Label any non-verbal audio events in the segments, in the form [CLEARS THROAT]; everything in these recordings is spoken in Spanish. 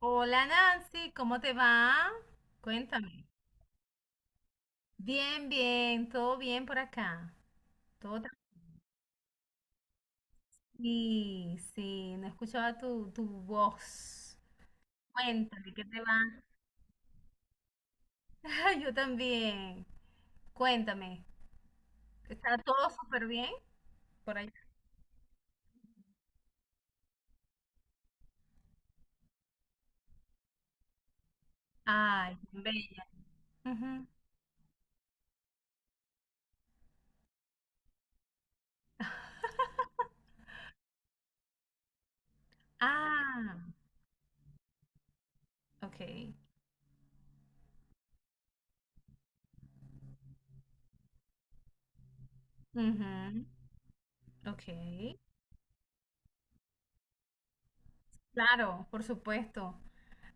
Hola Nancy, ¿cómo te va? Cuéntame. Bien, bien, todo bien por acá. Todo tranquilo. Sí, sí, no escuchaba tu voz. Cuéntame, ¿qué te va? [LAUGHS] Yo también. Cuéntame. ¿Está todo súper bien por allá? Ay, bella. Ujú. [LAUGHS] Ah, ok. Ujú, ok. Claro, por supuesto.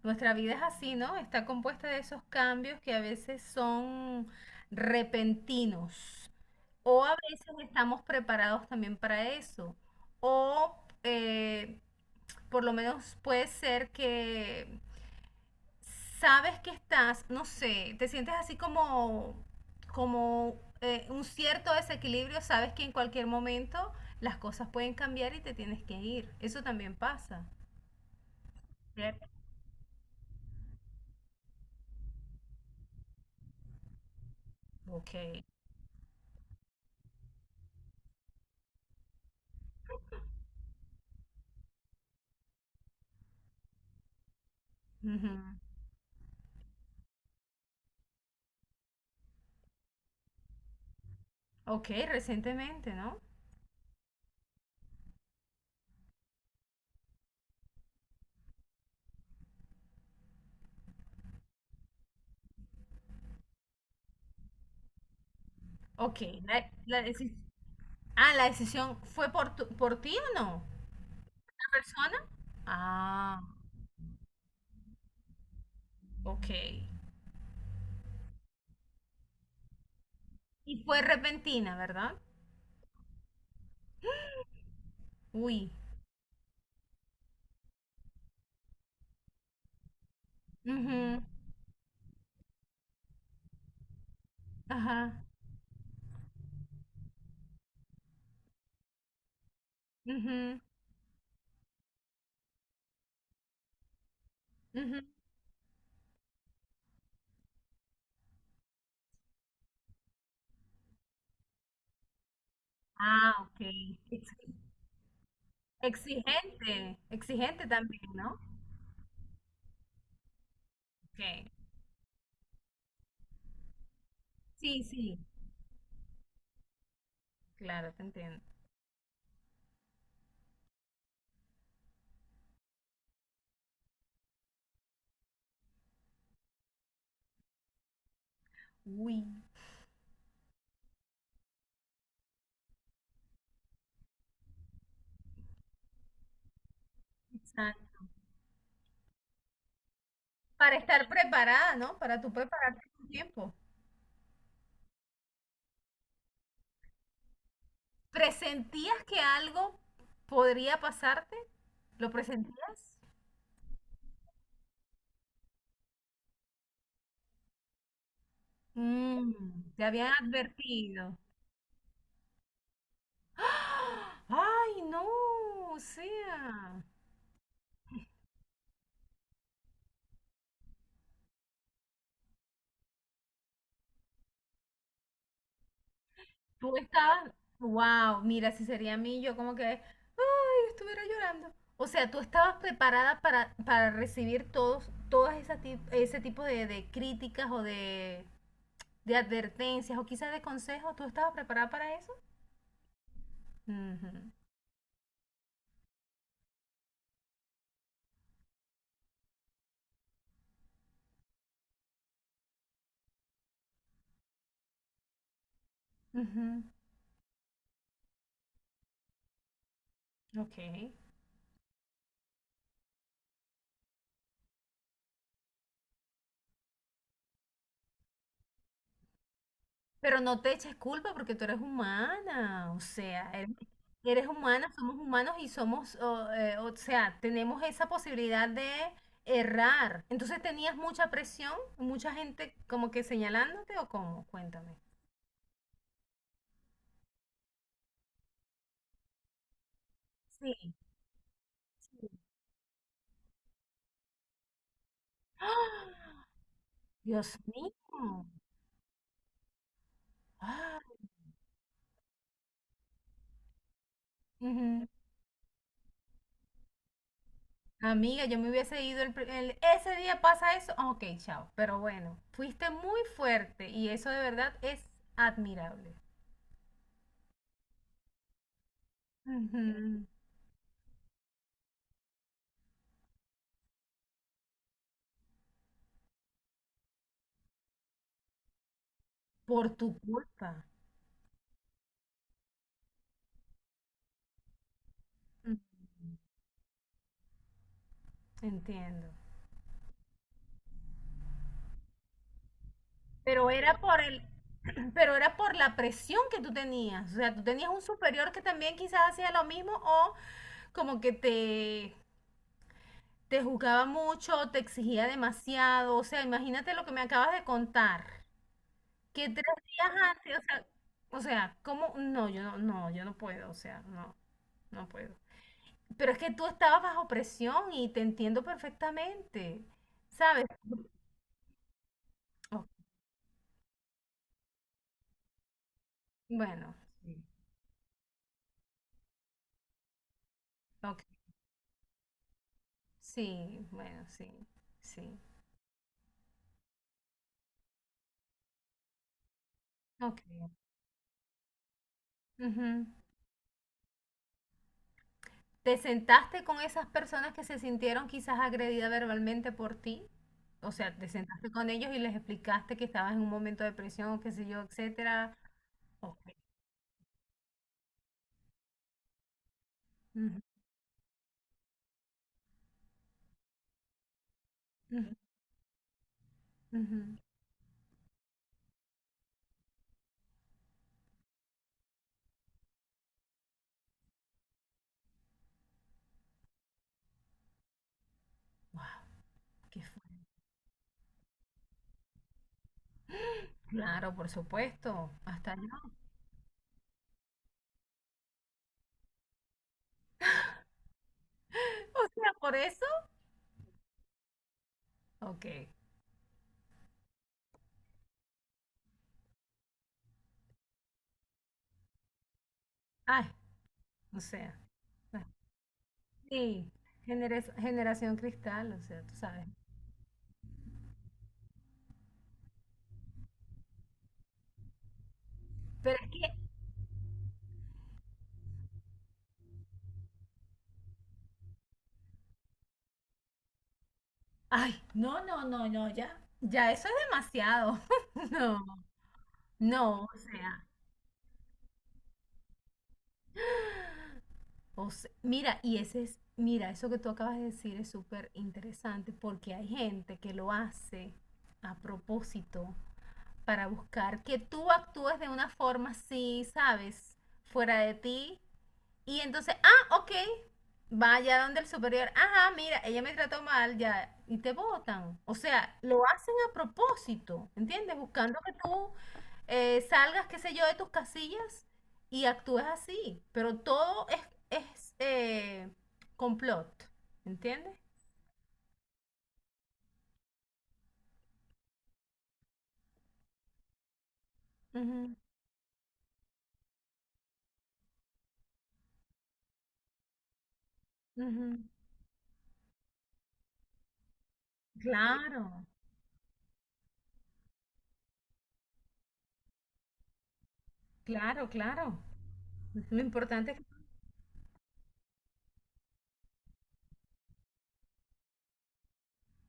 Nuestra vida es así, ¿no? Está compuesta de esos cambios que a veces son repentinos o a veces estamos preparados también para eso o eh, por lo menos puede ser que sabes que estás, no sé, te sientes así como, como un cierto desequilibrio, sabes que en cualquier momento las cosas pueden cambiar y te tienes que ir. Eso también pasa. ¿Cierto? Ok. Ujú. Ok, recientemente, ¿no? Ok, ah, ¿la decisión fue por, por ti o no? ¿La persona? Ah, ok. Y fue repentina, ¿verdad? Uy. Ujú, ajá, ujú, ujú. Ah, ok. Ex- Exigente, exigente también, ¿no? Ok. Sí, sí, claro, te entiendo. Uy, exacto. Para estar preparada, ¿no? Para tú prepararte con tiempo. ¿Presentías que algo podría pasarte? ¿Lo presentías? Mm, te habían advertido. ¡Ah! ¡Ay, no! O sea, tú estabas, wow, mira, si sería a mí, yo como que, ay, estuviera llorando. O sea, tú estabas preparada para recibir todos, todas esas ese tipo de críticas o de advertencias o quizás de consejos. ¿Tú estabas preparada para eso? Ujú, ujú, ok. Pero no te eches culpa porque tú eres humana, o sea, eres, eres humana, somos humanos y somos, o sea, tenemos esa posibilidad de errar. Entonces tenías mucha presión, mucha gente como que señalándote o cómo, cuéntame. Sí. [GASPS] ¡Ah! Dios mío. ¡Ah! Ujú. Amiga, yo me hubiese ido ese día pasa eso, ah, ok, chao. Pero bueno, fuiste muy fuerte y eso de verdad es admirable. Por tu culpa. Mm, entiendo. Pero era por [CLEARS THROAT] pero era por la presión que tú tenías. O sea, tú tenías un superior que también quizás hacía lo mismo o como que te juzgaba mucho, te exigía demasiado. O sea, imagínate lo que me acabas de contar. Que 3 días antes, o sea, ¿cómo? No, yo no, no, yo no puedo, o sea, no, no puedo. Pero es que tú estabas bajo presión y te entiendo perfectamente, ¿sabes? Ok, bueno, sí. Ok. Sí, bueno, sí. Sí. Ok. Ujú. ¿Te sentaste con esas personas que se sintieron quizás agredidas verbalmente por ti? O sea, ¿te sentaste con ellos y les explicaste que estabas en un momento de presión o qué sé yo, etcétera? Ok. Ujú, ujú, ujú. Wow, qué fuerte. Claro, por supuesto. Hasta yo. [LAUGHS] O sea, por eso. Ok. Ay, o sea. Ah, sí. Generación cristal, o sea, tú sabes. Pero es que ay, no, no, no, no, ya, ya eso es demasiado. [LAUGHS] No, no, o sea, mira, y ese es, mira, eso que tú acabas de decir es súper interesante porque hay gente que lo hace a propósito para buscar que tú actúes de una forma así, ¿sabes? Fuera de ti. Y entonces, ah, ok, vaya donde el superior, ajá, mira, ella me trató mal, ya, y te botan. O sea, lo hacen a propósito, ¿entiendes? Buscando que tú salgas, qué sé yo, de tus casillas y actúes así. Pero todo es complot, ¿entiendes? Ujú, ujú. Claro, claro, claro. Lo importante es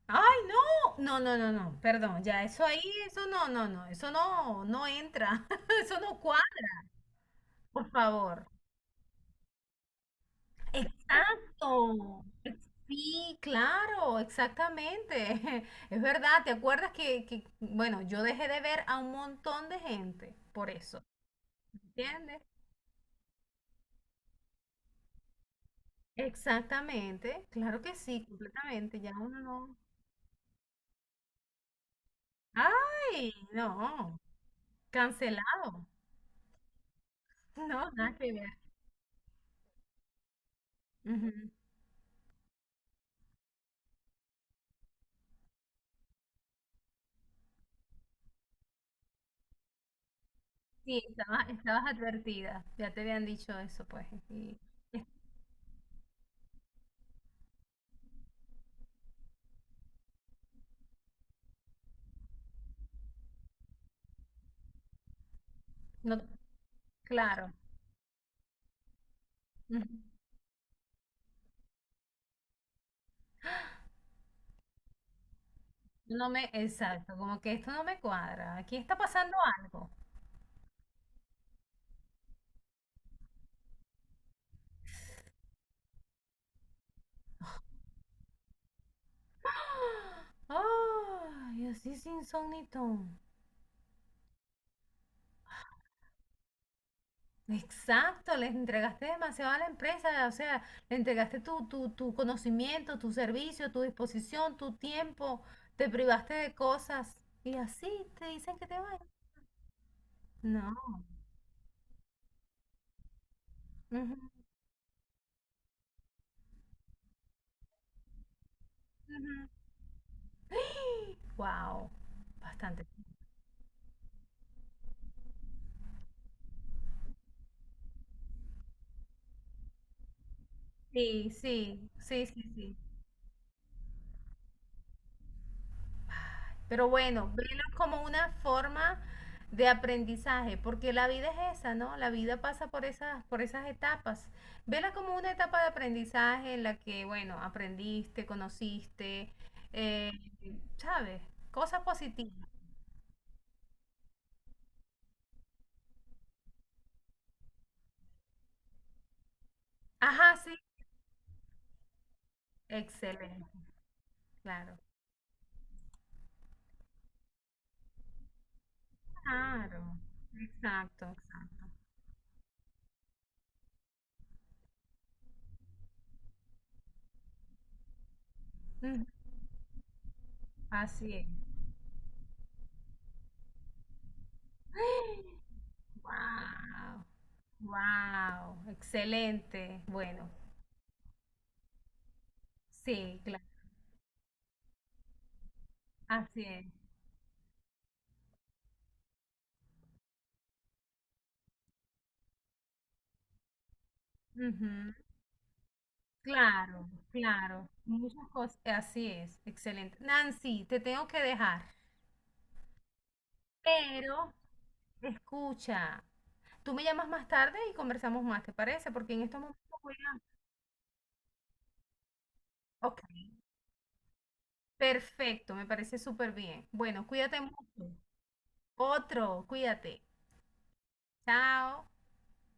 ay, no, no, no, no, no, perdón, ya, eso ahí, eso no, no, no, eso no, no entra, [LAUGHS] eso no cuadra, por favor. Exacto, sí, claro, exactamente, [LAUGHS] es verdad, ¿te acuerdas que, bueno, yo dejé de ver a un montón de gente por eso, ¿entiendes? Exactamente, claro que sí, completamente, ya uno no. Ay, no, cancelado, no, nada que ver. Sí, estabas, estabas advertida, ya te habían dicho eso, pues. Y es- no, claro, ujú, no me, exacto, como que esto no me cuadra, aquí está pasando algo. ¡Ah! Ay, así sin son ni ton. Exacto, les entregaste demasiado a la empresa, o sea, le entregaste tu, tu, tu conocimiento, tu servicio, tu disposición, tu tiempo, te privaste de cosas y así te dicen que te vayas. No. Ujú, ujú. Wow, bastante. Sí, sí, sí, sí, sí. Pero bueno, velo como una forma de aprendizaje, porque la vida es esa, ¿no? La vida pasa por esas etapas. Vela como una etapa de aprendizaje en la que, bueno, aprendiste, conociste, eh, ¿sabes? Cosas positivas. Ajá, sí. Excelente, claro. Claro, exacto, exacto. Ujú, así es. [GASPS] ¡Wow! Wow, excelente. Bueno, sí, claro, así es. Ujú, claro, claro, muchas cosas, así es, excelente. Nancy, te tengo que dejar, pero escucha, tú me llamas más tarde y conversamos más, ¿te parece? Porque en estos momentos voy a... Ok, perfecto, me parece súper bien. Bueno, cuídate mucho. Otro, cuídate. Chao.